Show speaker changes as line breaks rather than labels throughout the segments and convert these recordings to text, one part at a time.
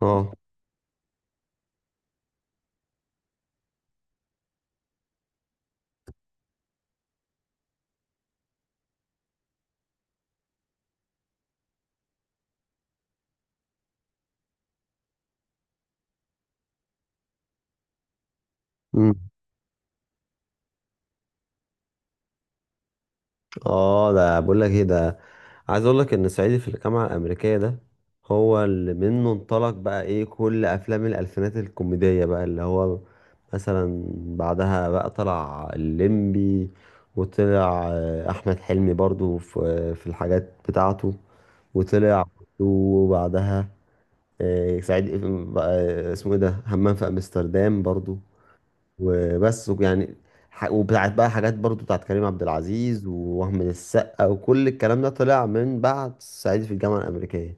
اه. مم. اه، ده بقول لك ايه ده. عايز اقول لك ان صعيدي في الجامعه الامريكيه ده هو اللي منه انطلق بقى ايه كل افلام الالفينات الكوميديه، بقى اللي هو مثلا بعدها بقى طلع الليمبي، وطلع احمد حلمي برضو في الحاجات بتاعته. وطلع وبعدها صعيدي، اسمه ايه ده، همام في امستردام برضو. وبس يعني وبتاعت بقى حاجات برضو بتاعت كريم عبد العزيز ووهم السقا، وكل الكلام ده طلع من بعد صعيدي في الجامعة الأمريكية.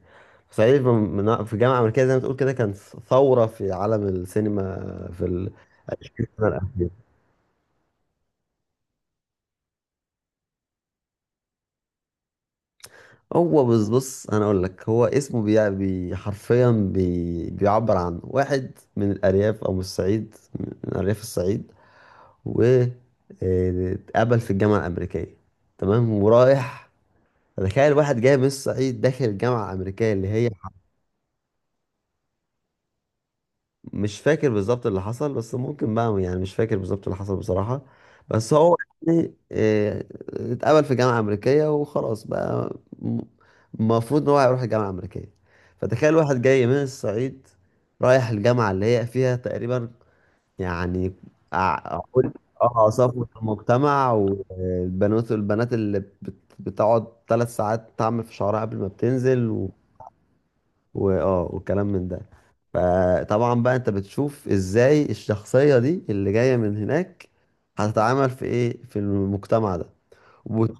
صعيدي في في الجامعة الأمريكية، زي ما تقول كده، كان ثورة في عالم السينما في السنة الأخيرة. هو بص بص، أنا أقول لك، هو اسمه بي حرفيا، بي بيعبر عن واحد من الأرياف أو من الصعيد، من أرياف الصعيد، و اتقبل في الجامعة الأمريكية. تمام، ورايح. تخيل واحد جاي من الصعيد داخل جامعة أمريكية اللي هي، مش فاكر بالظبط اللي حصل، بس ممكن بقى يعني مش فاكر بالظبط اللي حصل بصراحة. بس هو يعني اتقبل في جامعة أمريكية وخلاص بقى. م- المفروض إن هو هيروح الجامعة الأمريكية، فتخيل واحد جاي من الصعيد رايح الجامعة اللي هي فيها تقريبا، يعني، أع- أقول اه صفوة المجتمع، والبنات البنات اللي بتقعد 3 ساعات تعمل في شعرها قبل ما بتنزل، واه والكلام من ده. فطبعا بقى انت بتشوف ازاي الشخصية دي اللي جاية من هناك هتتعامل في ايه في المجتمع ده. وبت...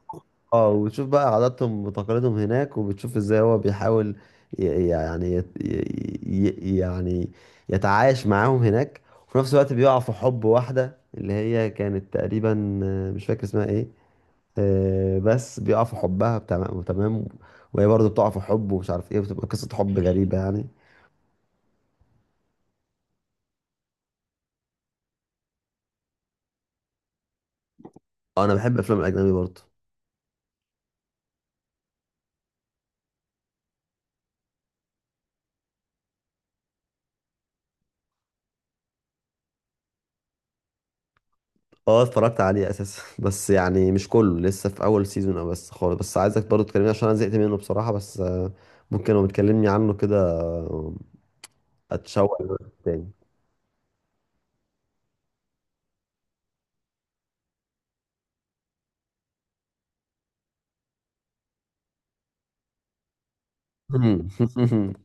اه وبتشوف بقى عاداتهم وتقاليدهم هناك، وبتشوف ازاي هو بيحاول ي... يعني يت... ي... ي- يعني يتعايش معاهم هناك. وفي نفس الوقت بيقع في حب واحدة، اللي هي كانت تقريبا مش فاكر اسمها ايه، بس بيقع في حبها تمام تمام، وهي برضه بتقع في حب ومش عارف ايه، بتبقى قصة حب غريبة يعني. انا بحب افلام الاجنبي برضه. اه، اتفرجت عليه اساسا بس يعني مش كله، لسه في اول سيزون او بس خالص، بس عايزك برضه تكلمني عشان انا زهقت منه بصراحه، بس ممكن لو بتكلمني عنه كده آه، اتشوق له تاني.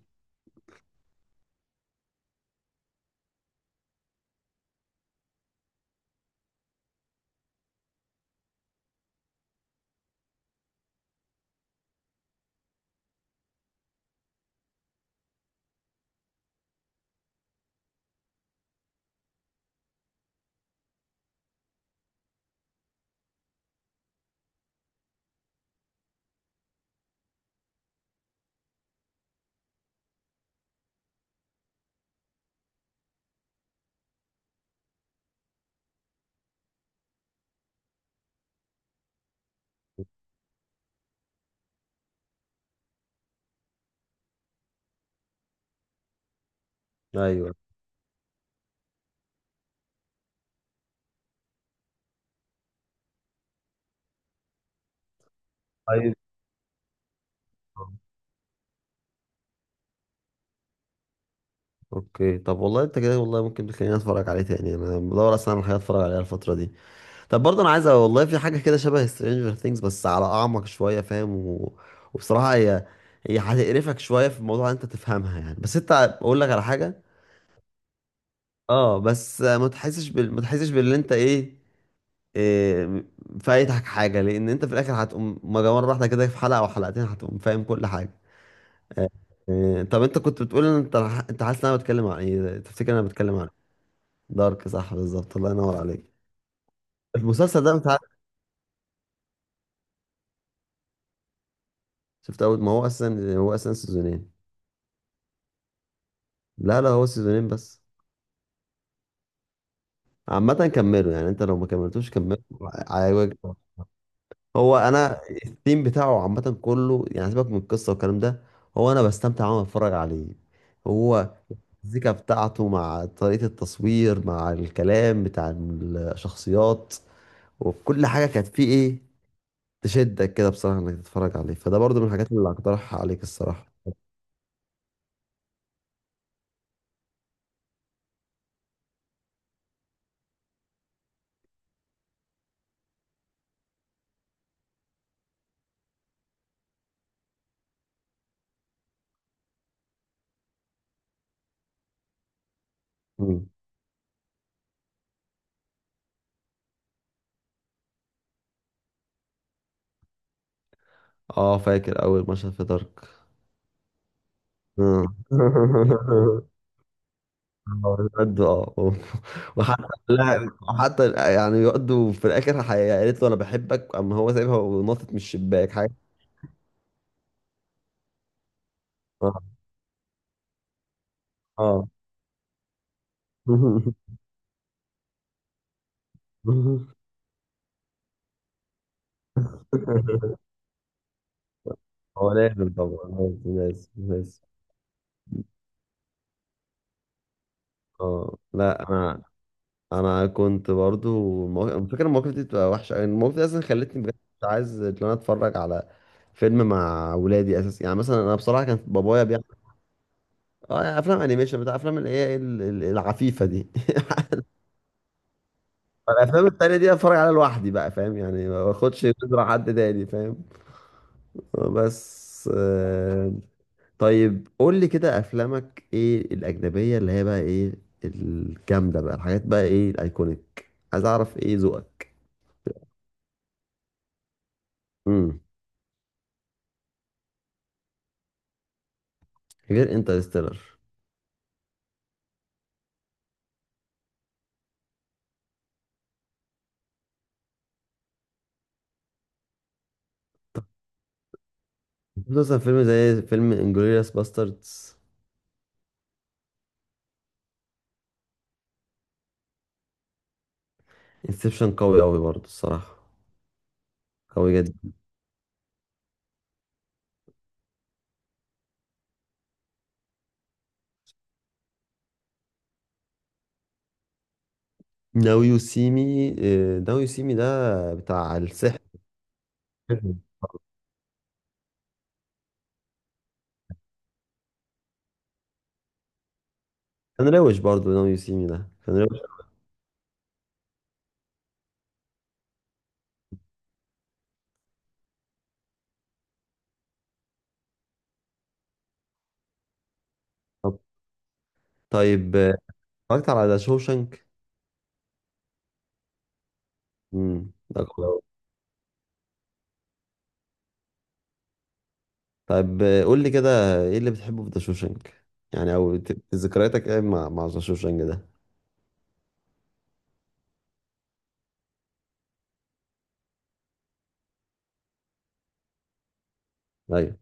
ايوه. طيب. اوكي. طب والله انت كده والله ممكن تخليني اتفرج عليه تاني، انا بدور اصلا على حاجه اتفرج عليها الفتره دي. طب برضه انا عايز والله في حاجه كده شبه سترينجر ثينجز بس على اعمق شويه، فاهم، وبصراحه، هي هتقرفك شويه في الموضوع، انت تفهمها يعني، بس انت اقول لك على حاجه. اه، بس ما تحسش باللي انت ايه، إيه... فايتك حاجه، لان انت في الاخر هتقوم مره واحده كده في حلقه او حلقتين هتقوم فاهم كل حاجه. طب انت كنت بتقول ان انت حاسس ان انا بتكلم عن ايه؟ تفتكر انا بتكلم عن؟ دارك، صح، بالظبط، الله ينور عليك. المسلسل ده مش عارف. شفت اول، ما هو اساسا سيزونين. لا لا، هو سيزونين بس. عامة كملوا يعني، انت لو ما كملتوش كملوا. عايزك هو انا الثيم بتاعه عامة كله يعني، سيبك من القصة والكلام ده، هو انا بستمتع وانا بتفرج عليه. هو الزيكا بتاعته مع طريقة التصوير مع الكلام بتاع الشخصيات وكل حاجة كانت فيه ايه، تشدك كده بصراحة انك تتفرج عليه، فده برضو من الحاجات اللي هقترحها عليك الصراحة. مم. اه، فاكر اول مشهد في دارك. آه. اه، يقعدوا، وحتى، لا وحتى يعني يقعدوا في الاخر قالت له انا بحبك، اما هو سايبها ونطت من الشباك حاجه. اه. اه. هو لازم طبعا لازم لازم لازم. اه، لا. انا كنت برضو أنا فاكر المواقف دي بتبقى وحشه يعني، المواقف دي اصلا خلتني بجد مش عايز ان انا اتفرج على فيلم مع ولادي اساسا يعني، مثلا انا بصراحه كان بابايا بيعمل اه افلام انيميشن بتاع افلام اللي هي العفيفه دي. الافلام التانية دي اتفرج عليها لوحدي بقى، فاهم يعني، ما باخدش نظرة حد تاني فاهم. بس طيب قول لي كده افلامك ايه الاجنبية، اللي هي بقى ايه الجامدة بقى، الحاجات بقى ايه الايكونيك، عايز اعرف ايه ذوقك. امم غير انترستيلر مثلا، فيلم زي فيلم انجلوريوس باستردز. انسبشن قوي قوي برضه الصراحة، قوي جدا. ناو يو سي مي. ناو يو سي مي ده بتاع السحر. كان روش برضه ناو يو سي مي ده، كان روش. طيب اتفرجت على ذا شوشنك. ده جامد أوي. طيب قول لي كده ايه اللي بتحبه في ذا شوشنك يعني، او ذكرياتك ايه مع ذا شوشنك ده. ايوه،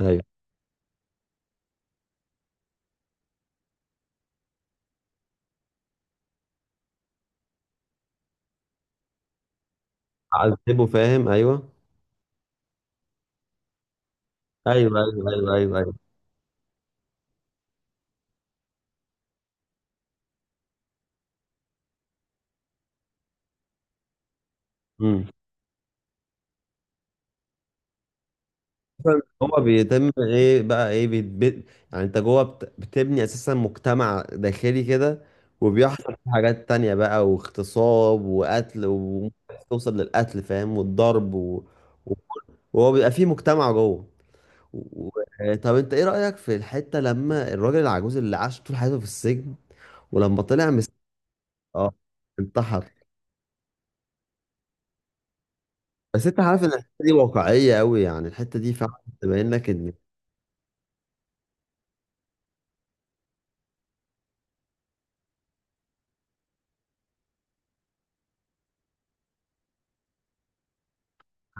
ايوه، عذبه فاهم، ايوه ايوه ايوه ايوه ايوه ايوه. امم هو بيتم ايه بقى ايه بيتبت. يعني انت جوه بتبني اساسا مجتمع داخلي كده، وبيحصل فيه حاجات تانية بقى، واغتصاب وقتل وممكن توصل للقتل فاهم والضرب و... وهو بيبقى فيه مجتمع جوه. و... طب انت ايه رأيك في الحتة لما الراجل العجوز اللي عاش طول حياته في السجن ولما طلع اه انتحر. بس انت عارف ان الحتة دي واقعية قوي يعني، الحتة دي فعلا تبين لك ان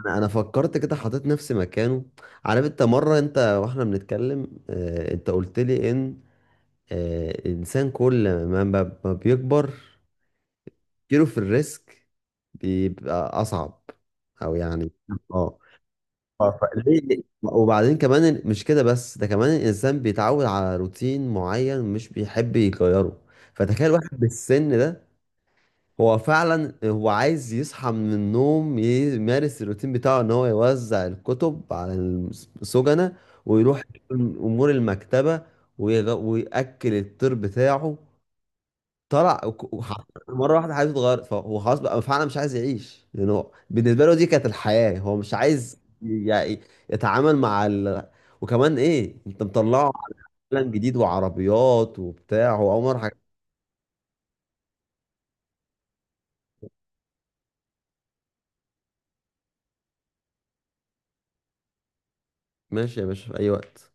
انا فكرت كده، حطيت نفسي مكانه. عارف انت مرة انت واحنا بنتكلم اه انت قلت لي ان اه الانسان كل ما بيكبر كيلو في الريسك، بيبقى اصعب، او يعني. اه اه فليه، وبعدين كمان مش كده بس، ده كمان الانسان بيتعود على روتين معين مش بيحب يغيره. فتخيل واحد بالسن ده، هو فعلا هو عايز يصحى من النوم يمارس الروتين بتاعه ان هو يوزع الكتب على السجنة، ويروح امور المكتبة، ويأكل الطير بتاعه. طلع مره واحده حياته اتغيرت فهو خلاص بقى فعلا مش عايز يعيش يعني، هو بالنسبه له دي كانت الحياه، هو مش عايز يعني يتعامل مع وكمان ايه انت مطلعه على عالم جديد وعربيات وبتاع، هو عمر حاجة. ماشي يا باشا في اي وقت.